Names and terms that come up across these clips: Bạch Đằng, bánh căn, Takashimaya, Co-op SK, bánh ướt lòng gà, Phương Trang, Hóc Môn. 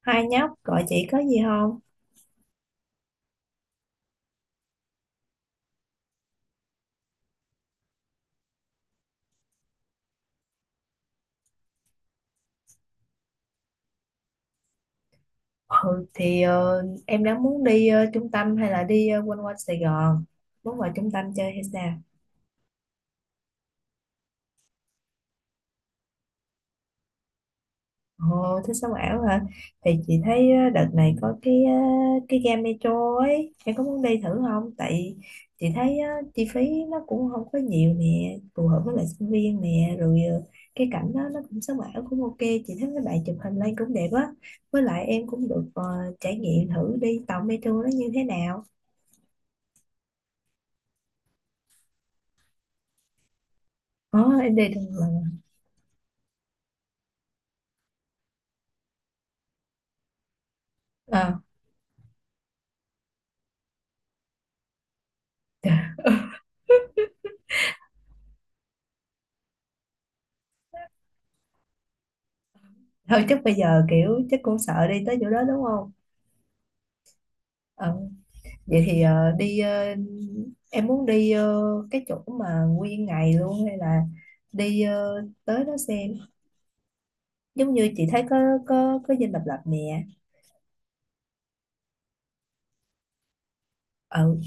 Hai nhóc gọi chị có gì không? Em đã muốn đi trung tâm hay là đi quanh quanh Sài Gòn muốn vào trung tâm chơi hay sao? Ồ, thích sống ảo hả? Thì chị thấy đợt này có cái ga metro ấy, em có muốn đi thử không? Tại chị thấy chi phí nó cũng không có nhiều nè, phù hợp với lại sinh viên nè, rồi cái cảnh đó nó cũng sống ảo cũng ok. Chị thấy mấy bạn chụp hình lên cũng đẹp á, với lại em cũng được trải nghiệm thử đi tàu metro nó như thế nào. Có em đi đâu mà. Ờ, trời. Thôi chắc bây giờ kiểu chắc cũng sợ đi tới chỗ đó đúng không. Ờ, vậy thì em muốn đi cái chỗ mà nguyên ngày luôn, hay là đi tới đó xem, giống như chị thấy có có dinh độc lập nè. Ừ.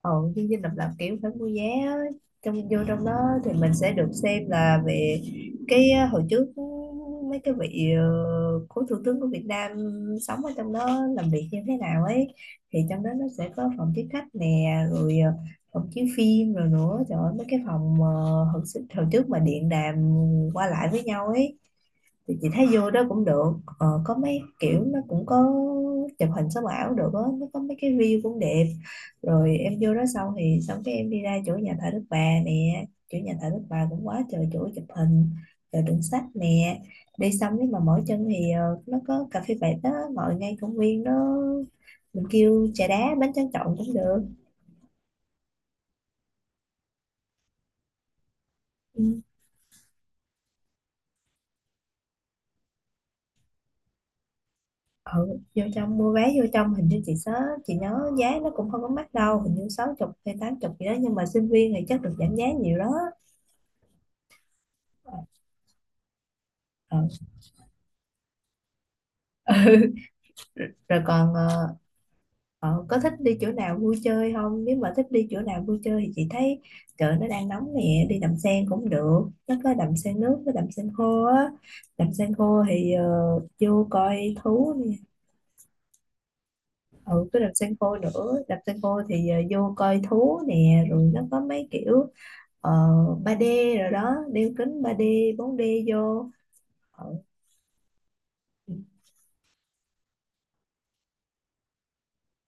Ồ, chương trình độc lập kiểu phải mua vé á. Trong vô trong đó thì mình sẽ được xem là về cái hồi trước mấy cái vị cố thủ tướng của Việt Nam sống ở trong đó làm việc như thế nào ấy. Thì trong đó nó sẽ có phòng tiếp khách nè, rồi phòng chiếu phim, rồi nữa trời ơi mấy cái phòng hồi trước mà điện đàm qua lại với nhau ấy, thì chị thấy vô đó cũng được. Có mấy kiểu nó cũng có chụp hình sống ảo được á, nó có mấy cái view cũng đẹp. Rồi em vô đó xong thì xong cái em đi ra chỗ nhà thờ Đức Bà nè, chỗ nhà thờ Đức Bà cũng quá trời chỗ chụp hình, rồi đựng sách nè. Đi xong nếu mà mỏi chân thì nó có cà phê vạt đó ngồi ngay công viên đó, mình kêu trà đá bánh tráng trộn cũng được. Ừ. Ừ, vô trong mua vé vô trong hình như chị nhớ, chị nhớ giá nó cũng không có mắc đâu, hình như sáu chục hay tám chục gì đó, nhưng mà sinh viên thì chắc được giảm giá nhiều đó. Ừ. Rồi còn có thích đi chỗ nào vui chơi không? Nếu mà thích đi chỗ nào vui chơi thì chị thấy trời nó đang nóng nè, đi đầm sen cũng được, nó có đầm sen nước với đầm sen khô á. Đầm sen khô thì vô coi thú nè. Ừ, cái đầm sen khô nữa, đầm sen khô thì vô coi thú nè, rồi nó có mấy kiểu ờ, 3D rồi đó, đeo kính ba d bốn d vô. Ờ,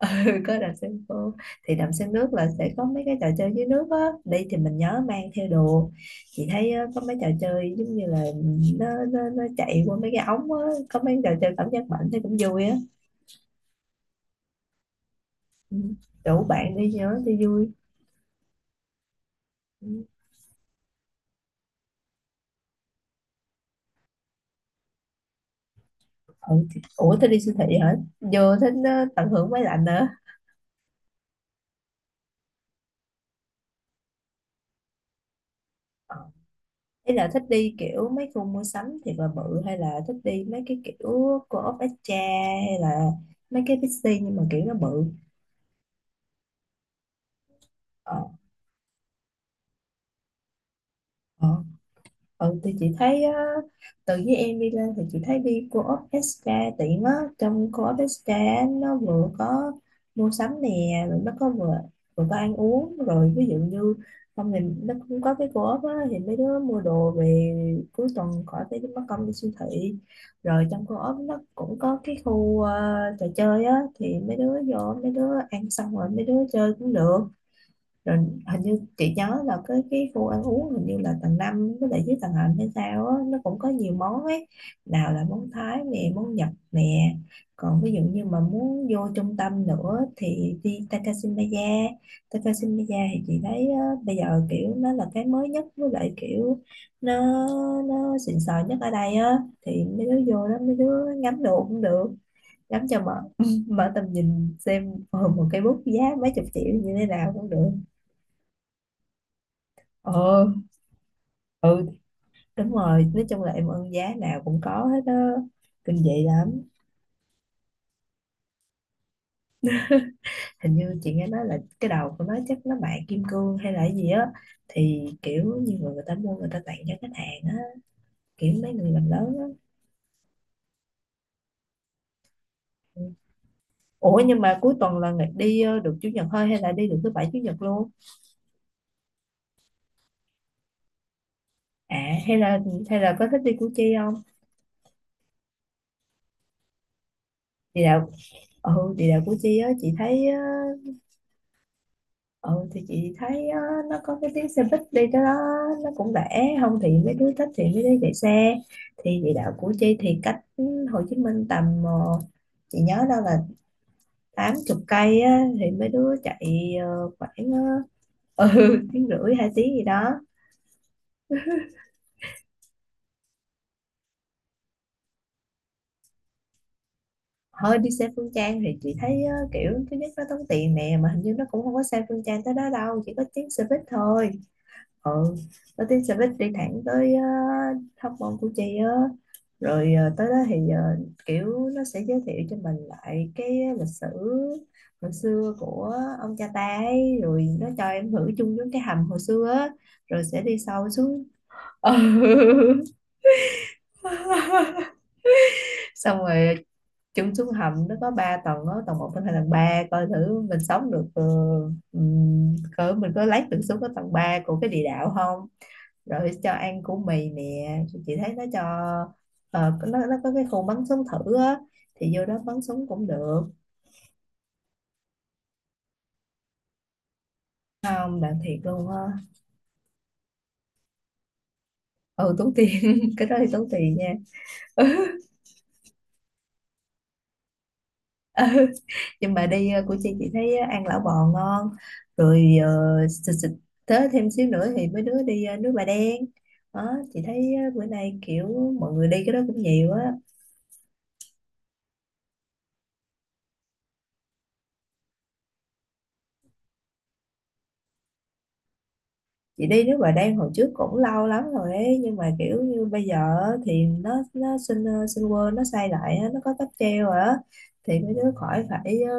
có đầm sen khô. Thì đầm sen nước là sẽ có mấy cái trò chơi dưới nước á, đi thì mình nhớ mang theo đồ. Chị thấy á, có mấy trò chơi giống như là nó chạy qua mấy cái ống á, có mấy trò chơi cảm giác mạnh thì cũng vui á. Ừ, rủ bạn đi nhớ thì vui. Ừ. Ừ, ủa thế đi siêu thị hả, vô thích tận hưởng máy lạnh nữa. Ờ. Thế là thích đi kiểu mấy khu mua sắm thiệt là bự, hay là thích đi mấy cái kiểu Co-op Extra hay là mấy cái Bixi nhưng mà kiểu nó bự. Ờ. Ờ. Ừ thì chị thấy á, từ với em đi lên thì chị thấy đi co-op SK tiện á. Trong co-op SK á, nó vừa có mua sắm nè, rồi nó có vừa vừa có ăn uống, rồi ví dụ như không thì nó cũng có cái co-op á, thì mấy đứa mua đồ về cuối tuần khỏi phải mất công đi siêu thị. Rồi trong co-op nó cũng có cái khu trò chơi á, thì mấy đứa vô mấy đứa ăn xong rồi mấy đứa chơi cũng được. Rồi hình như chị nhớ là cái khu ăn uống hình như là tầng 5 với lại dưới tầng hầm hay sao á, nó cũng có nhiều món ấy, nào là món Thái nè món Nhật nè. Còn ví dụ như mà muốn vô trung tâm nữa thì đi Takashimaya. Takashimaya thì chị thấy á, bây giờ kiểu nó là cái mới nhất với lại kiểu nó nó xịn sò nhất ở đây á, thì mấy đứa vô đó mấy đứa ngắm đồ cũng được, ngắm cho mở mở tầm nhìn xem. Ờ, Một cây bút giá mấy chục triệu như thế nào cũng được. Ờ. Ừ đúng rồi, nói chung là em ơn giá nào cũng có hết đó, kinh dị lắm. Hình như chị nghe nói là cái đầu của nó chắc nó bạc kim cương hay là cái gì á, thì kiểu như người ta mua người ta tặng cho khách hàng á, kiểu mấy người làm lớn á. Ừ. Ủa nhưng mà cuối tuần là được chủ nhật thôi hay là đi được thứ bảy chủ nhật luôn? À, hay là hay là có thích đi Củ Chi không? Địa đạo. Ừ, địa đạo Củ Chi á chị thấy. Ừ thì chị thấy á, nó có cái tiếng xe buýt đi tới đó, nó cũng rẻ, không thì mấy đứa thích thì mấy đứa chạy xe. Thì địa đạo Củ Chi thì cách Hồ Chí Minh tầm chị nhớ đâu là tám chục cây á, thì mấy đứa chạy khoảng ờ, ừ, tiếng rưỡi hai tiếng gì đó. Hơi đi xe Phương Trang thì chị thấy kiểu thứ nhất nó tốn tiền nè, mà hình như nó cũng không có xe Phương Trang tới đó đâu, chỉ có tiếng xe buýt thôi. Ừ, có tiếng xe buýt đi thẳng tới Hóc Môn Củ Chi á. Rồi tới đó thì kiểu nó sẽ giới thiệu cho mình lại cái lịch sử hồi xưa của ông cha ta ấy, rồi nó cho em thử chung với cái hầm hồi xưa á, rồi sẽ đi sâu xuống. Ừ. Xong rồi chung xuống hầm nó có 3 tầng đó, tầng một, tầng 2, tầng 3, coi thử mình sống được cỡ mình có lấy được xuống cái tầng 3 của cái địa đạo không. Rồi cho ăn củ mì nè, chị thấy nó cho nó có cái khu bắn súng thử á, thì vô đó bắn súng cũng được. Không, bạn thiệt luôn á. Ừ tốn tiền, cái đó thì tốn tiền nha. Ừ, nhưng mà đi của chị thấy ăn lẩu bò ngon, rồi xịt xịt tới thêm xíu nữa thì mấy đứa đi nước bà đen đó, chị thấy bữa nay kiểu mọi người đi cái đó cũng nhiều á. Chị đi nước ngoài Đan hồi trước cũng lâu lắm rồi ấy, nhưng mà kiểu như bây giờ thì nó xin xin quên nó xây lại á, nó có cáp treo rồi á, thì mấy đứa khỏi phải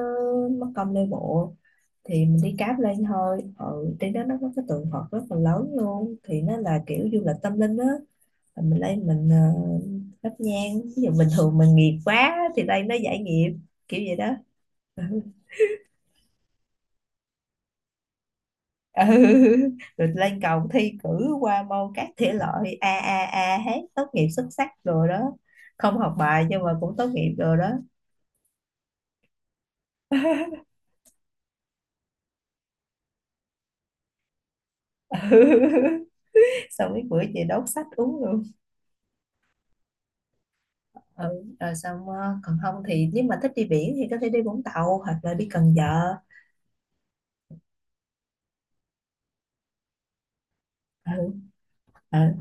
mất công lên bộ, thì mình đi cáp lên thôi. Ừ, trên đó nó có cái tượng Phật rất là lớn luôn, thì nó là kiểu du lịch tâm linh á. Rồi mình lên mình thắp nhang, ví dụ bình thường mình nghiệp quá thì đây nó giải nghiệp, kiểu vậy đó. Ừ, rồi lên cầu thi cử qua môn các thể loại a a a hết, tốt nghiệp xuất sắc rồi đó, không học bài nhưng mà cũng tốt nghiệp rồi đó. Ừ. Xong cái bữa chị đốt sách uống luôn. Ừ. Rồi xong còn không thì nếu mà thích đi biển thì có thể đi Vũng Tàu hoặc là đi Cần Giờ. Ừ. Ừ.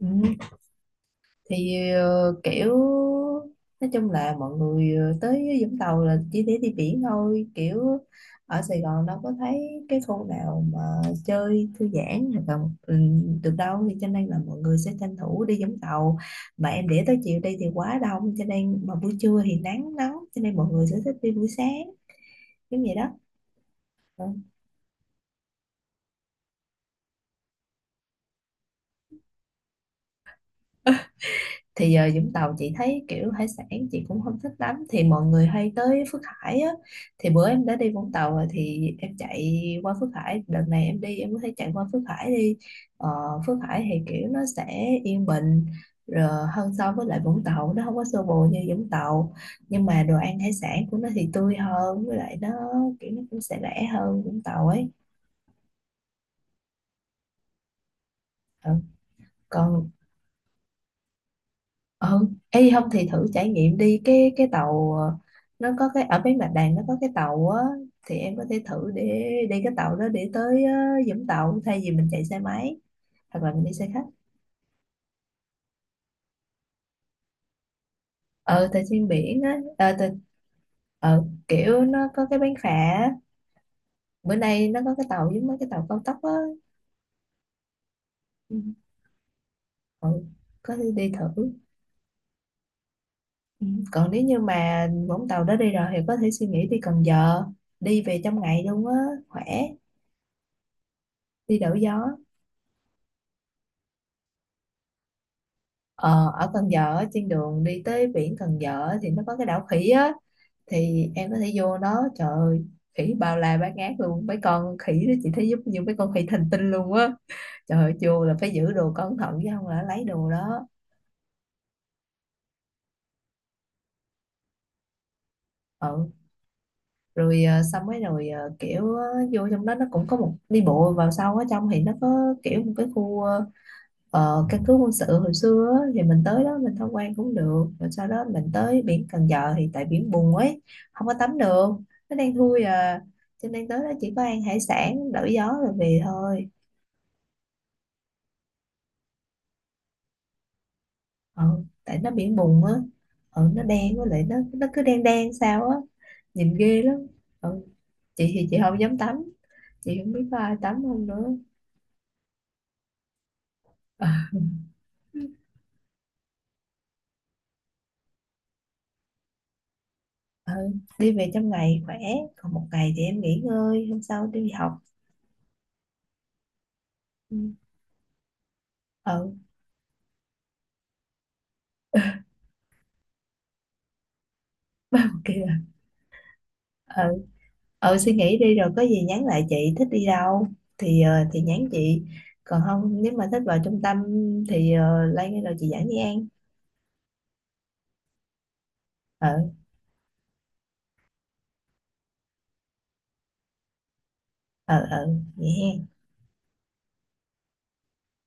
Ừ. Thì kiểu nói chung là mọi người tới Vũng Tàu là chỉ để đi biển thôi, kiểu ở Sài Gòn đâu có thấy cái khu nào mà chơi thư giãn hoặc là được đâu, thì cho nên là mọi người sẽ tranh thủ đi Vũng Tàu. Mà em để tới chiều đi thì quá đông, cho nên mà buổi trưa thì nắng nóng, cho nên mọi người sẽ thích đi buổi sáng giống vậy đó. Ờ. Thì giờ Vũng Tàu chị thấy kiểu hải sản chị cũng không thích lắm, thì mọi người hay tới Phước Hải á, thì bữa em đã đi Vũng Tàu rồi thì em chạy qua Phước Hải, đợt này em đi em có thể chạy qua Phước Hải đi. ờ, Phước Hải thì kiểu nó sẽ yên bình rồi, hơn so với lại Vũng Tàu, nó không có xô bồ như Vũng Tàu, nhưng mà đồ ăn hải sản của nó thì tươi hơn, với lại kiểu nó cũng sẽ rẻ hơn Vũng Tàu ấy. Ừ. Còn ừ, Ê không thì thử trải nghiệm đi cái tàu nó có cái ở bên Bạch Đằng nó có cái tàu á, thì em có thể thử để đi cái tàu đó để tới Vũng Tàu thay vì mình chạy xe máy hoặc là mình đi xe khách. Ờ tại trên biển á, ờ, kiểu nó có cái bán phà á. Bữa nay nó có cái tàu giống mấy cái tàu cao tốc á. Ừ, ừ, có thể đi thử. Ừ. Còn nếu như mà Vũng Tàu đó đi rồi thì có thể suy nghĩ đi Cần Giờ, đi về trong ngày luôn á, khỏe, đi đổi gió. Ờ, ở Cần Giờ á, trên đường đi tới biển Cần Giờ á, thì nó có cái đảo khỉ á, thì em có thể vô đó, trời ơi khỉ bao la bát ngát luôn, mấy con khỉ đó chị thấy giống như mấy con khỉ thành tinh luôn á. Trời ơi, vô là phải giữ đồ cẩn thận chứ không là lấy đồ đó. Ừ rồi ờ, xong mấy rồi ờ, kiểu ờ, vô trong đó nó cũng có một đi bộ vào sau ở trong, thì nó có kiểu một cái khu ờ, căn cứ quân sự hồi xưa á, thì mình tới đó mình tham quan cũng được, rồi sau đó mình tới biển Cần Giờ thì tại biển bùn ấy, không có tắm được, nó đang thui à, cho nên tới đó chỉ có ăn hải sản đổi gió rồi về thôi. Ờ, tại nó biển bùn á. Ờ, nó đen, với lại nó cứ đen đen sao á, nhìn ghê lắm. ờ, chị thì chị không dám tắm, chị không biết có ai tắm không nữa. Ờ, đi về trong ngày khỏe, còn một ngày thì em nghỉ ngơi hôm sau đi học. Ừ. ờ ok. Ờ, suy nghĩ đi rồi có gì nhắn lại, chị thích đi đâu thì thì nhắn chị, còn không nếu mà thích vào trung tâm thì Lan rồi chị dẫn đi ăn. Ờ ờ ờ vậy ha.